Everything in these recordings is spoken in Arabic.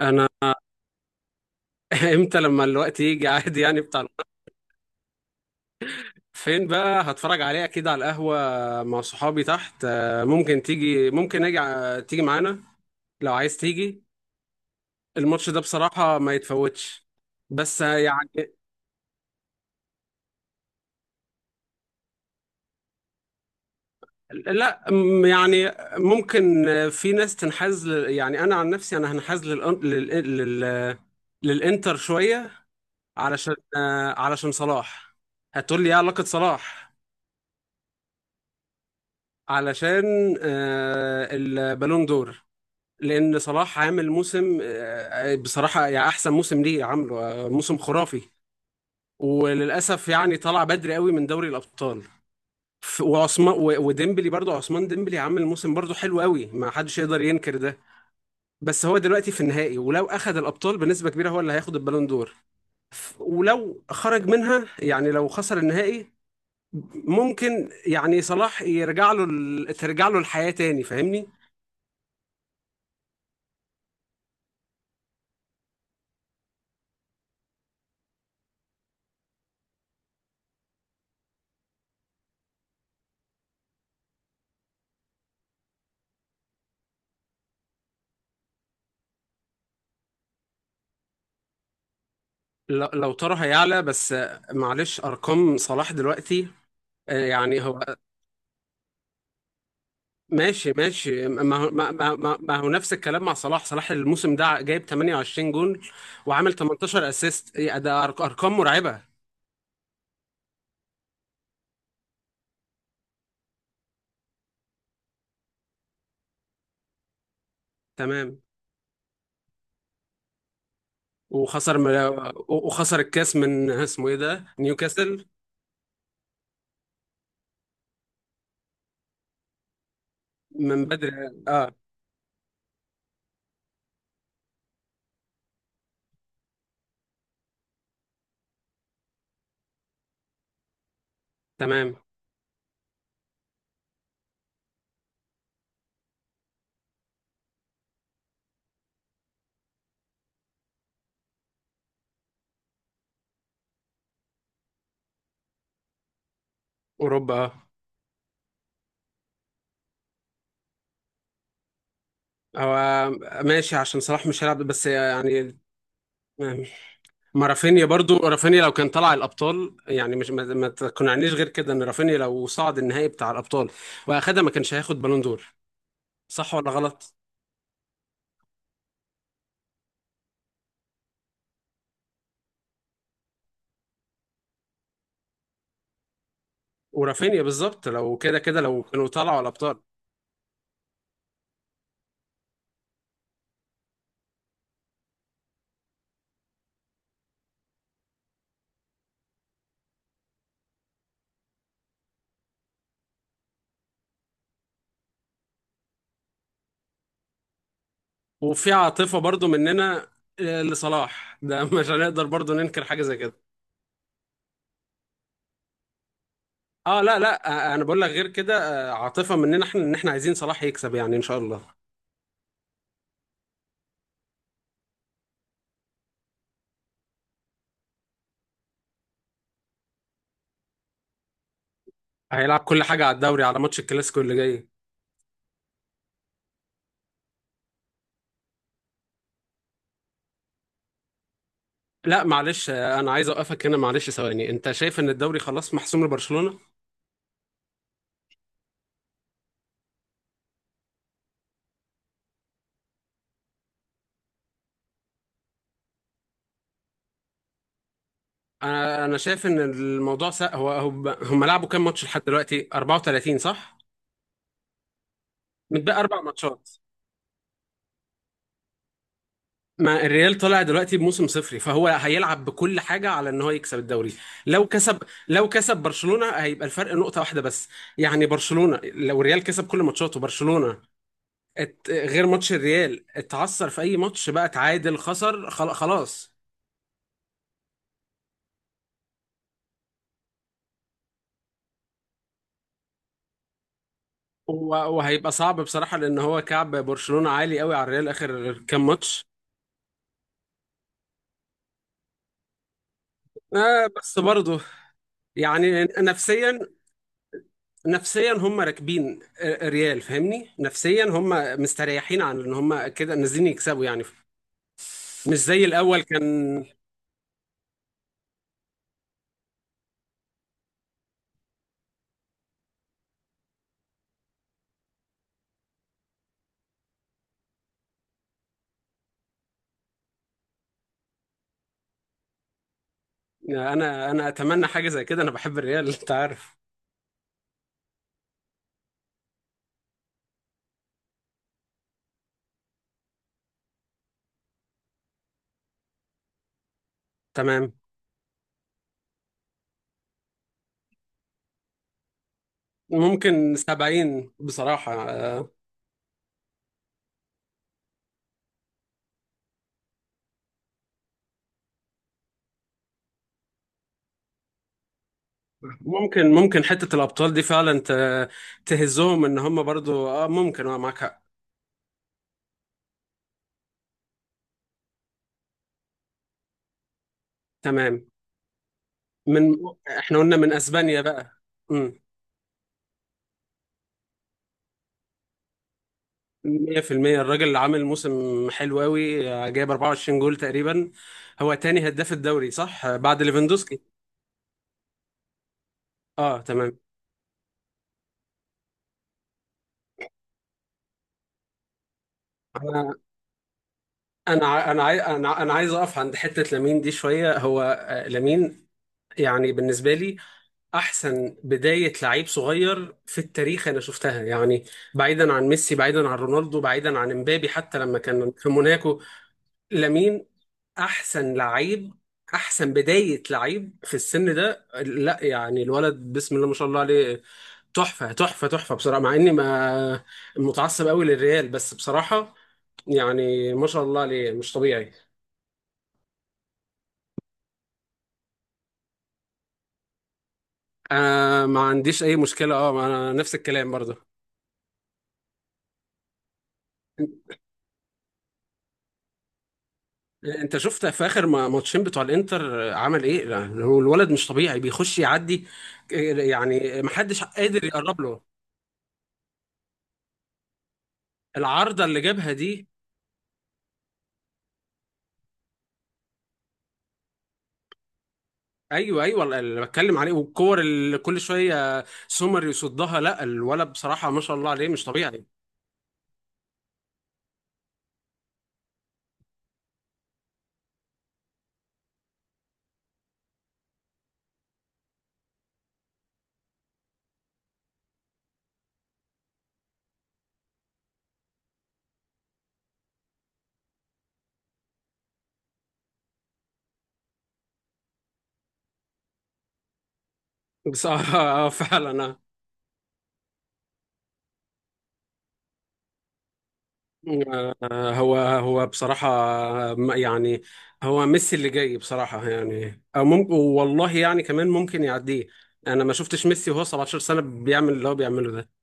انا. امتى لما الوقت يجي عادي، يعني بتاع القط. فين بقى هتفرج عليه؟ اكيد على القهوة مع صحابي تحت. ممكن تيجي، ممكن اجي تيجي معانا لو عايز تيجي. الماتش ده بصراحة ما يتفوتش. بس لا، يعني ممكن، في ناس تنحاز يعني انا عن نفسي انا هنحاز للانتر شوية. علشان، علشان صلاح. هتقول لي ايه علاقة صلاح؟ علشان البالون دور. لان صلاح عامل موسم، بصراحه يعني احسن موسم ليه عامله، موسم خرافي. وللاسف يعني طلع بدري قوي من دوري الابطال. وعثمان وديمبلي، برضو عثمان ديمبلي عامل موسم برضو حلو قوي، ما حدش يقدر ينكر ده. بس هو دلوقتي في النهائي، ولو اخذ الابطال بنسبه كبيره هو اللي هياخد البالون دور. ولو خرج منها، يعني لو خسر النهائي، ممكن يعني صلاح يرجع له ترجع له الحياه تاني، فاهمني؟ لو ترى هيعلى، بس معلش ارقام صلاح دلوقتي، يعني هو. ماشي، ماشي، ما هو ما هو نفس الكلام مع صلاح. صلاح الموسم ده جايب 28 جون، وعامل 18 اسيست. ده ارقام مرعبة. تمام. وخسر وخسر الكاس من اسمه ايه ده، نيوكاسل، من بدري. اه، تمام. اوروبا. اه هو ماشي، عشان صلاح مش هيلعب، بس يعني ما رافينيا برضو. رافينيا لو كان طلع الابطال، يعني مش ما تقنعنيش غير كده ان رافينيا لو صعد النهائي بتاع الابطال واخدها ما كانش هياخد بالون دور. صح ولا غلط؟ ورافينيا بالظبط، لو كده كده لو كانوا طلعوا الابطال. وفي عاطفة برضو مننا، لصلاح ده. مش هنقدر برضو ننكر حاجة زي كده. اه لا لا، انا بقول لك غير كده، عاطفة مننا احنا ان احنا عايزين صلاح يكسب، يعني ان شاء الله. هيلعب كل حاجة على الدوري، على ماتش الكلاسيكو اللي جاي. لا معلش، انا عايز اوقفك هنا معلش ثواني. انت شايف ان الدوري خلاص محسوم لبرشلونة؟ انا شايف ان الموضوع هو هم لعبوا كام ماتش لحد دلوقتي؟ 34 صح؟ متبقى اربع ماتشات. ما الريال طلع دلوقتي بموسم صفري، فهو هيلعب بكل حاجة على ان هو يكسب الدوري. لو كسب، لو كسب برشلونة هيبقى الفرق نقطة واحدة بس. يعني برشلونة، لو الريال كسب كل ماتشاته برشلونة غير ماتش الريال، اتعثر في اي ماتش بقى، اتعادل، خسر، خلاص. هو وهيبقى صعب بصراحة، لأن هو كعب برشلونة عالي قوي على الريال آخر كام ماتش. آه بس برضه يعني نفسيا، نفسيا هم راكبين ريال، فاهمني؟ نفسيا هم مستريحين عن ان هم كده نازلين يكسبوا يعني، مش زي الاول كان. انا اتمنى حاجه زي كده، انا بحب الريال. انت عارف. تمام. ممكن 70 بصراحه، ممكن ممكن. حته الابطال دي فعلا تهزهم، ان هم برضو اه ممكن. اه، معاك حق. تمام. من، احنا قلنا من اسبانيا بقى. امم. 100%. الراجل اللي عامل موسم حلو قوي، جايب 24 جول تقريبا. هو تاني هداف الدوري صح، بعد ليفاندوسكي. اه تمام. انا انا ع- انا عاي- انا انا عايز اقف عند حتة لامين دي شوية. هو، لامين يعني بالنسبة لي احسن بداية لعيب صغير في التاريخ انا شفتها يعني، بعيدا عن ميسي، بعيدا عن رونالدو، بعيدا عن امبابي حتى لما كان في موناكو. لامين احسن لعيب، احسن بداية لعيب في السن ده، لا يعني الولد بسم الله ما شاء الله عليه. تحفة تحفة تحفة بصراحة، مع اني ما متعصب قوي للريال، بس بصراحة يعني ما شاء الله عليه، مش طبيعي. آه ما عنديش اي مشكلة، اه ما انا نفس الكلام برضه. انت شفت في اخر ماتشين بتوع الانتر عمل ايه؟ لا، هو الولد مش طبيعي، بيخش يعدي، يعني محدش قادر يقرب له. العارضة اللي جابها دي. ايوه ايوه، اللي بتكلم عليه، والكور اللي كل شويه سومر يصدها. لا الولد بصراحه ما شاء الله عليه مش طبيعي. بس آه فعلا. آه، هو بصراحة، يعني هو ميسي اللي جاي بصراحة، يعني أو ممكن والله يعني كمان ممكن يعديه. أنا ما شفتش ميسي وهو 17 سنة بيعمل اللي هو بيعمله ده.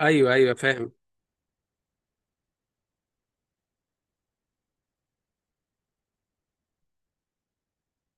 أيوه أيوه فاهم.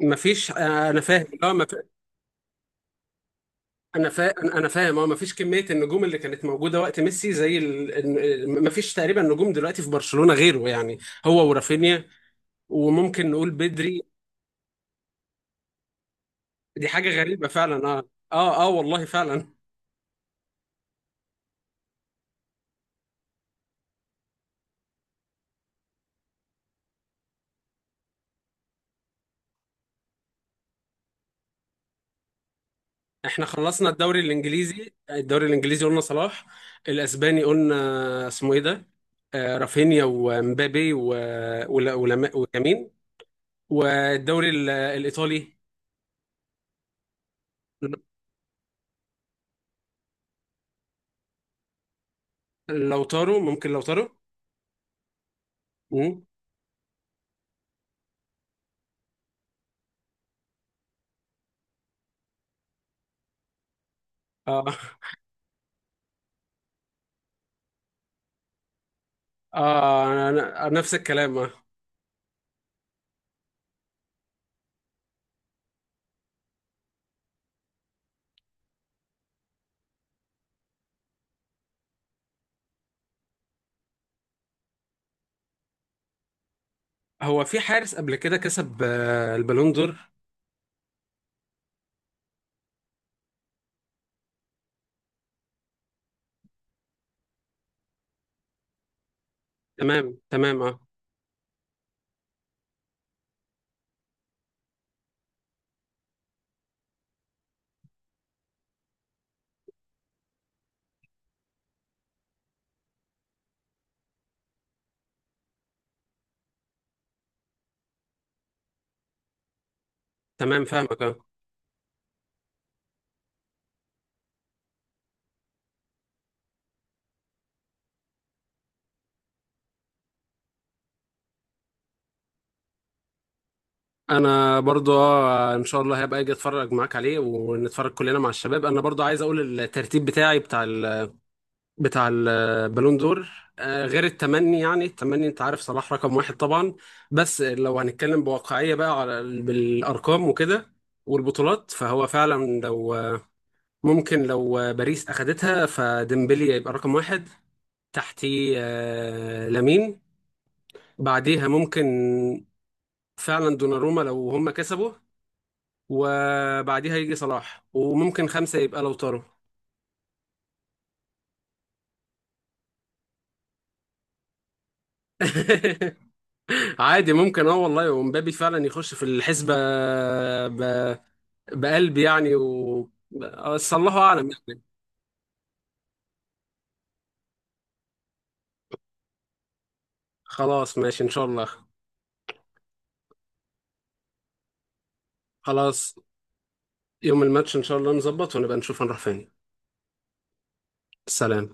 مفيش، أنا فاهم. لا انا فاهم. اه مفيش كميه النجوم اللي كانت موجوده وقت ميسي زي مفيش تقريبا نجوم دلوقتي في برشلونه غيره، يعني هو ورافينيا، وممكن نقول بدري. دي حاجه غريبه فعلا. اه اه اه والله فعلا. احنا خلصنا الدوري الانجليزي، الدوري الانجليزي قلنا صلاح. الاسباني قلنا اسمه ايه ده، آه رافينيا ومبابي ويمين. والدوري الايطالي، لوتارو، ممكن لوتارو. مم. اه اه، انا نفس الكلام اه. هو في حارس قبل كده كسب البالون دور. تمام تمام اه. تمام فاهمك اه. انا برضو اه ان شاء الله هبقى اجي اتفرج معاك عليه، ونتفرج كلنا مع الشباب. انا برضو عايز اقول الترتيب بتاعي بتاع ال بتاع البالون دور. غير التمني، يعني التمني انت عارف صلاح رقم واحد طبعا. بس لو هنتكلم بواقعية بقى، على بالارقام وكده والبطولات، فهو فعلا لو، ممكن لو باريس اخدتها فديمبلي يبقى رقم واحد، تحتيه لامين، بعديها ممكن فعلا دوناروما لو هم كسبوا، وبعديها يجي صلاح، وممكن خمسة يبقى لوتارو. عادي ممكن، اه والله ومبابي فعلا يخش في الحسبة ب... بقلب يعني. و، بس الله أعلم يعني. خلاص ماشي إن شاء الله. خلاص، يوم الماتش إن شاء الله نظبط، ونبقى نشوف هنروح فين. سلام.